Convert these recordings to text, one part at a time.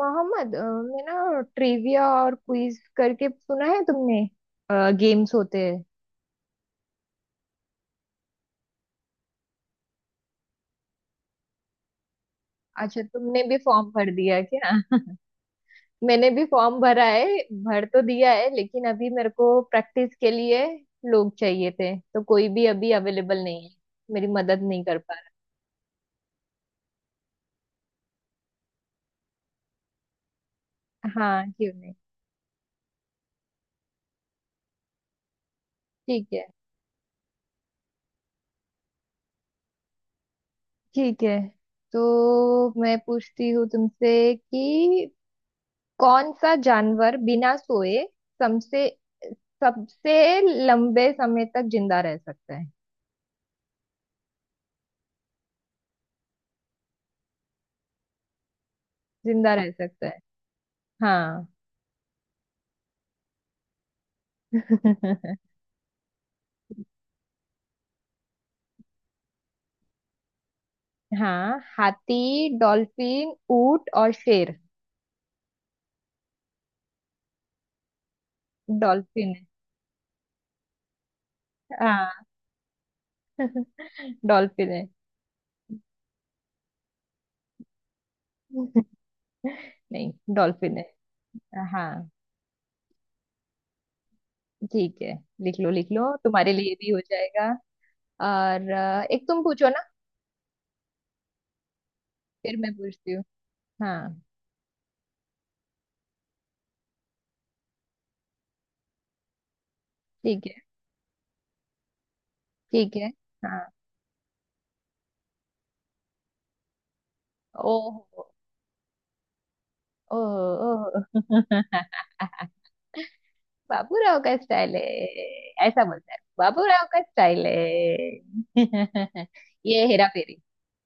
मोहम्मद मैं ना ट्रिविया और क्विज करके सुना है तुमने। गेम्स होते हैं। अच्छा तुमने भी फॉर्म भर दिया है क्या? मैंने भी फॉर्म भरा है। भर तो दिया है लेकिन अभी मेरे को प्रैक्टिस के लिए लोग चाहिए थे तो कोई भी अभी अवेलेबल नहीं है। मेरी मदद नहीं कर पा रहा। हाँ, क्यों नहीं। ठीक है। ठीक है। तो मैं पूछती हूँ तुमसे कि कौन सा जानवर बिना सोए सबसे सबसे लंबे समय तक जिंदा रह सकता है? जिंदा रह सकता है। हाँ। हाँ, हाथी, डॉल्फिन, ऊंट और शेर। डॉल्फिन है। हाँ, डॉल्फिन है। नहीं, डॉल्फिन है। हाँ ठीक है। लिख लो लिख लो, तुम्हारे लिए भी हो जाएगा। और एक तुम पूछो ना। फिर मैं पूछती हूँ। हाँ। ठीक है। ठीक है। हाँ। ओह। ओ। बाबूराव का स्टाइल है। ऐसा बोलता है, बाबूराव का स्टाइल है। ये हेरा फेरी।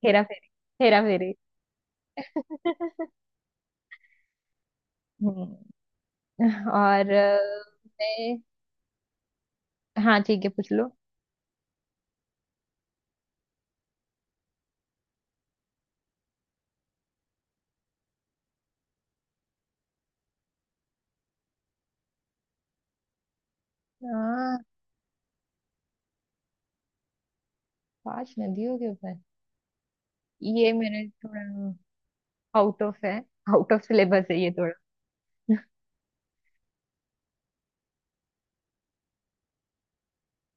हेरा फेरी। हेरा फेरी। हम्म। और मैं। हाँ ठीक है, पूछ लो। हाँ, पांच नदियों के ऊपर। ये मैंने थोड़ा आउट ऑफ है आउट ऑफ सिलेबस है ये थोड़ा।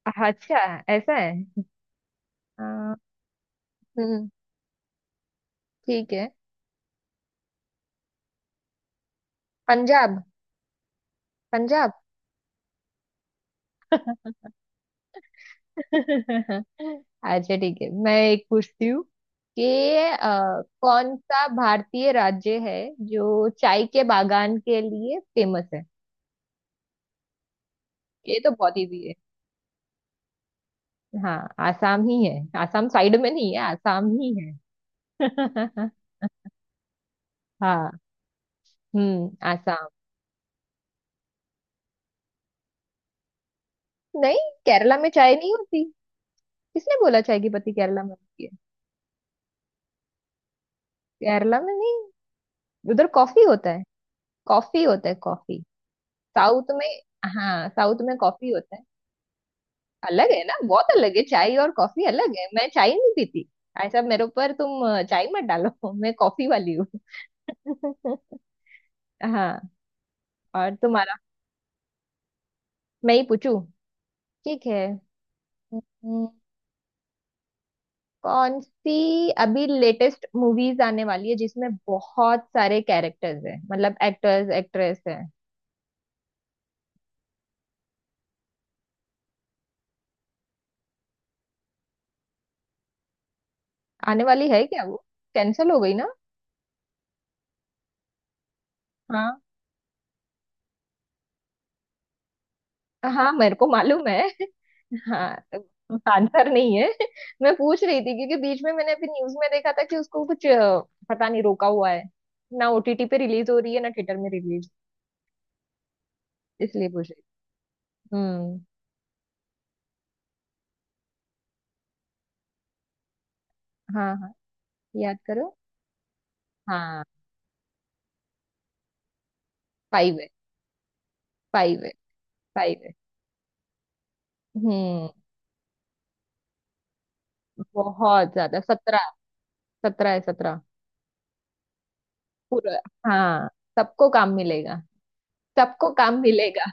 अच्छा। ऐसा है। अ, हम्म। ठीक है। पंजाब। पंजाब। अच्छा ठीक है, मैं एक पूछती हूँ कि कौन सा भारतीय राज्य है जो चाय के बागान के लिए फेमस है? ये तो बहुत इजी है। हाँ, आसाम ही है। आसाम साइड में नहीं है, आसाम ही है। हाँ। हम्म, आसाम। नहीं, केरला में चाय नहीं होती। किसने बोला चाय की पत्ती केरला में होती है? केरला में नहीं, उधर कॉफी होता है। कॉफी होता है, कॉफी। साउथ में। हाँ, साउथ में कॉफी होता है। अलग है ना, बहुत अलग है चाय और कॉफी, अलग है। मैं चाय नहीं पीती। ऐसा मेरे ऊपर तुम चाय मत डालो। मैं कॉफी वाली हूँ। हाँ। और तुम्हारा। मैं ही पूछू। ठीक है। हम्म, कौन सी अभी लेटेस्ट मूवीज आने वाली है जिसमें बहुत सारे कैरेक्टर्स हैं, मतलब एक्टर्स एक्ट्रेस हैं? आने वाली है क्या वो, कैंसिल हो गई ना? हाँ। हाँ मेरे को मालूम है। हाँ। आंसर नहीं है। मैं पूछ रही थी क्योंकि बीच में मैंने अभी न्यूज में देखा था कि उसको कुछ पता नहीं, रोका हुआ है। ना ओटीटी पे रिलीज हो रही है, ना थिएटर में रिलीज। इसलिए पूछ रही थी। हम्म। हाँ। हाँ। याद करो। हाँ। फाइव है। फाइव है। फाइव है। हम्म। बहुत ज्यादा, सत्रह। सत्रह है, सत्रह। पूरा। हाँ, सबको काम मिलेगा। सबको काम मिलेगा।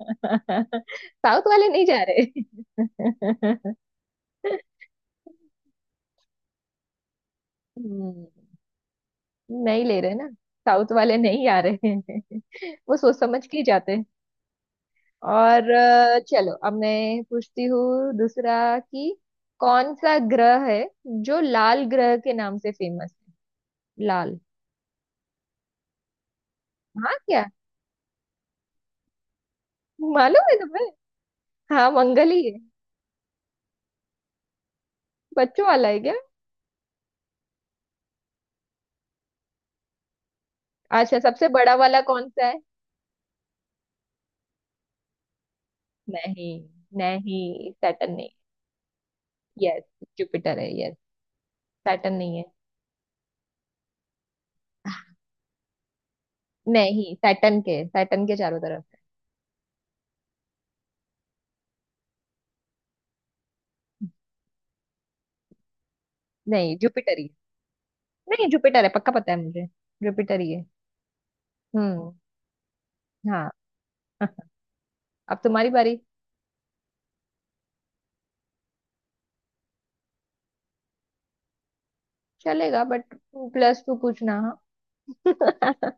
साउथ वाले नहीं जा रहे। हम्म। नहीं ले रहे ना। साउथ वाले नहीं आ रहे हैं। वो सोच समझ के ही जाते हैं। और चलो अब मैं पूछती हूँ दूसरा कि कौन सा ग्रह है जो लाल ग्रह के नाम से फेमस है? लाल। हाँ, क्या? मालूम है तुम्हें? हाँ, मंगल ही है। बच्चों वाला है क्या? अच्छा, सबसे बड़ा वाला कौन सा है? नहीं। नहीं, सैटर्न नहीं। यस। जुपिटर है, यस। सैटर्न नहीं है। नहीं, सैटर्न के, सैटर्न के चारों तरफ है। नहीं, जुपिटर ही है। नहीं, जुपिटर है, पक्का पता है मुझे। जुपिटर ही है। हम्म। हाँ। अब तुम्हारी बारी। चलेगा बट प्लस टू पूछना हाँ।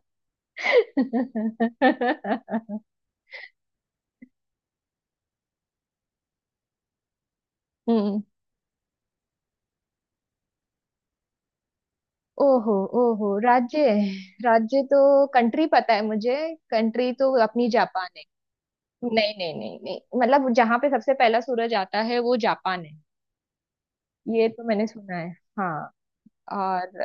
हम्म। ओहो। ओहो, राज्य? राज्य तो, कंट्री पता है मुझे। कंट्री तो अपनी जापान है। नहीं नहीं नहीं नहीं, मतलब जहां पे सबसे पहला सूरज आता है वो जापान है। ये तो मैंने सुना है। हाँ। और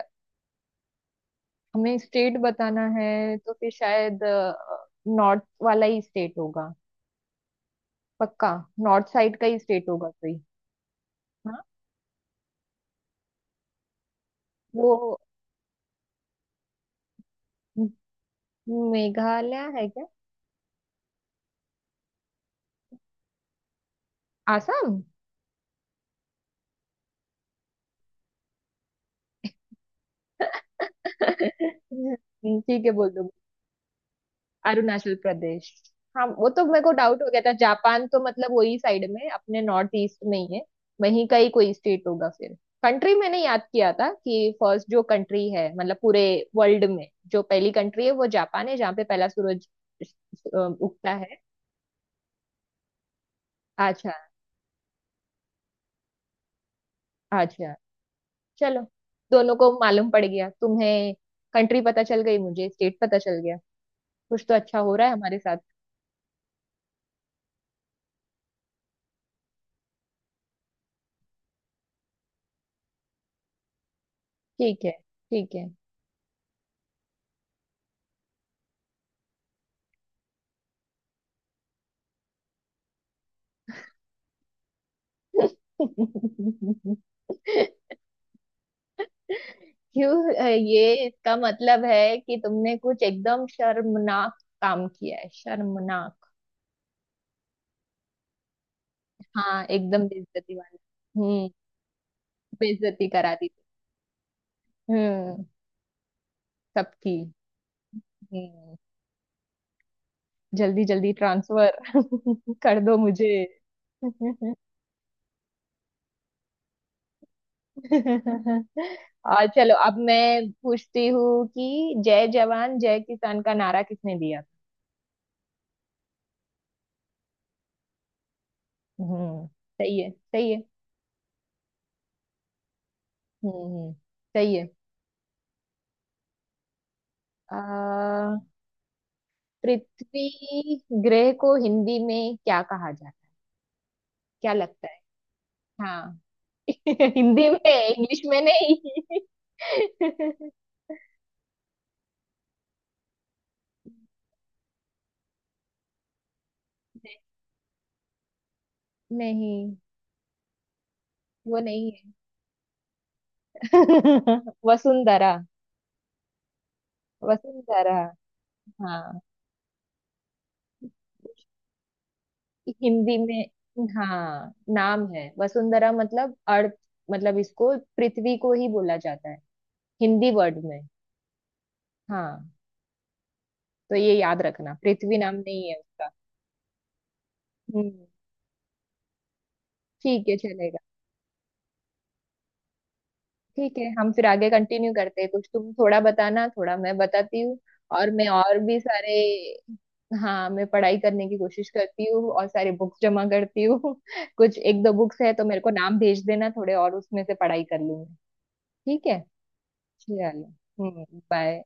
हमें स्टेट बताना है तो फिर शायद नॉर्थ वाला ही स्टेट होगा, पक्का। नॉर्थ साइड का ही स्टेट होगा कोई। हाँ। वो मेघालय है क्या? आसाम। ठीक है, बोल दो। अरुणाचल प्रदेश। हाँ, वो तो मेरे को डाउट हो गया था। जापान तो मतलब वही साइड में, अपने नॉर्थ ईस्ट में ही है। वहीं का ही कोई स्टेट होगा फिर। कंट्री मैंने याद किया था कि फर्स्ट जो कंट्री है मतलब पूरे वर्ल्ड में जो पहली कंट्री है वो जापान है जहाँ पे पहला सूरज उगता है। अच्छा। अच्छा। चलो, दोनों को मालूम पड़ गया। तुम्हें कंट्री पता चल गई, मुझे स्टेट पता चल गया। कुछ तो अच्छा हो रहा है हमारे साथ। ठीक है। ठीक है। क्यों, ये इसका मतलब है कि तुमने कुछ एकदम शर्मनाक काम किया है, शर्मनाक। हाँ, एकदम बेइज्जती वाला। हम्म। बेइज्जती करा दी थी। हम्म। सबकी। हम्म। जल्दी जल्दी ट्रांसफर कर दो मुझे। और चलो अब मैं पूछती हूँ कि जय जवान जय किसान का नारा किसने दिया था? हम्म। सही है, सही है। हम्म। सही है। आ, पृथ्वी ग्रह को हिंदी में क्या कहा जाता है? क्या लगता है? हाँ। हिंदी में, इंग्लिश में नहीं। नहीं, वो नहीं है। वसुंधरा। वसुंधरा। हाँ, हिंदी में हाँ नाम है वसुंधरा मतलब अर्थ। मतलब इसको पृथ्वी को ही बोला जाता है हिंदी वर्ड में। हाँ, तो ये याद रखना, पृथ्वी नाम नहीं है उसका। हम्म। ठीक है, चलेगा। ठीक है। हम फिर आगे कंटिन्यू करते हैं, कुछ तुम थोड़ा बताना, थोड़ा मैं बताती हूँ। और मैं और भी सारे। हाँ, मैं पढ़ाई करने की कोशिश करती हूँ और सारे बुक्स जमा करती हूँ। कुछ एक दो बुक्स है तो मेरे को नाम भेज देना थोड़े, और उसमें से पढ़ाई कर लूंगी। ठीक है। चलो। हम्म। बाय।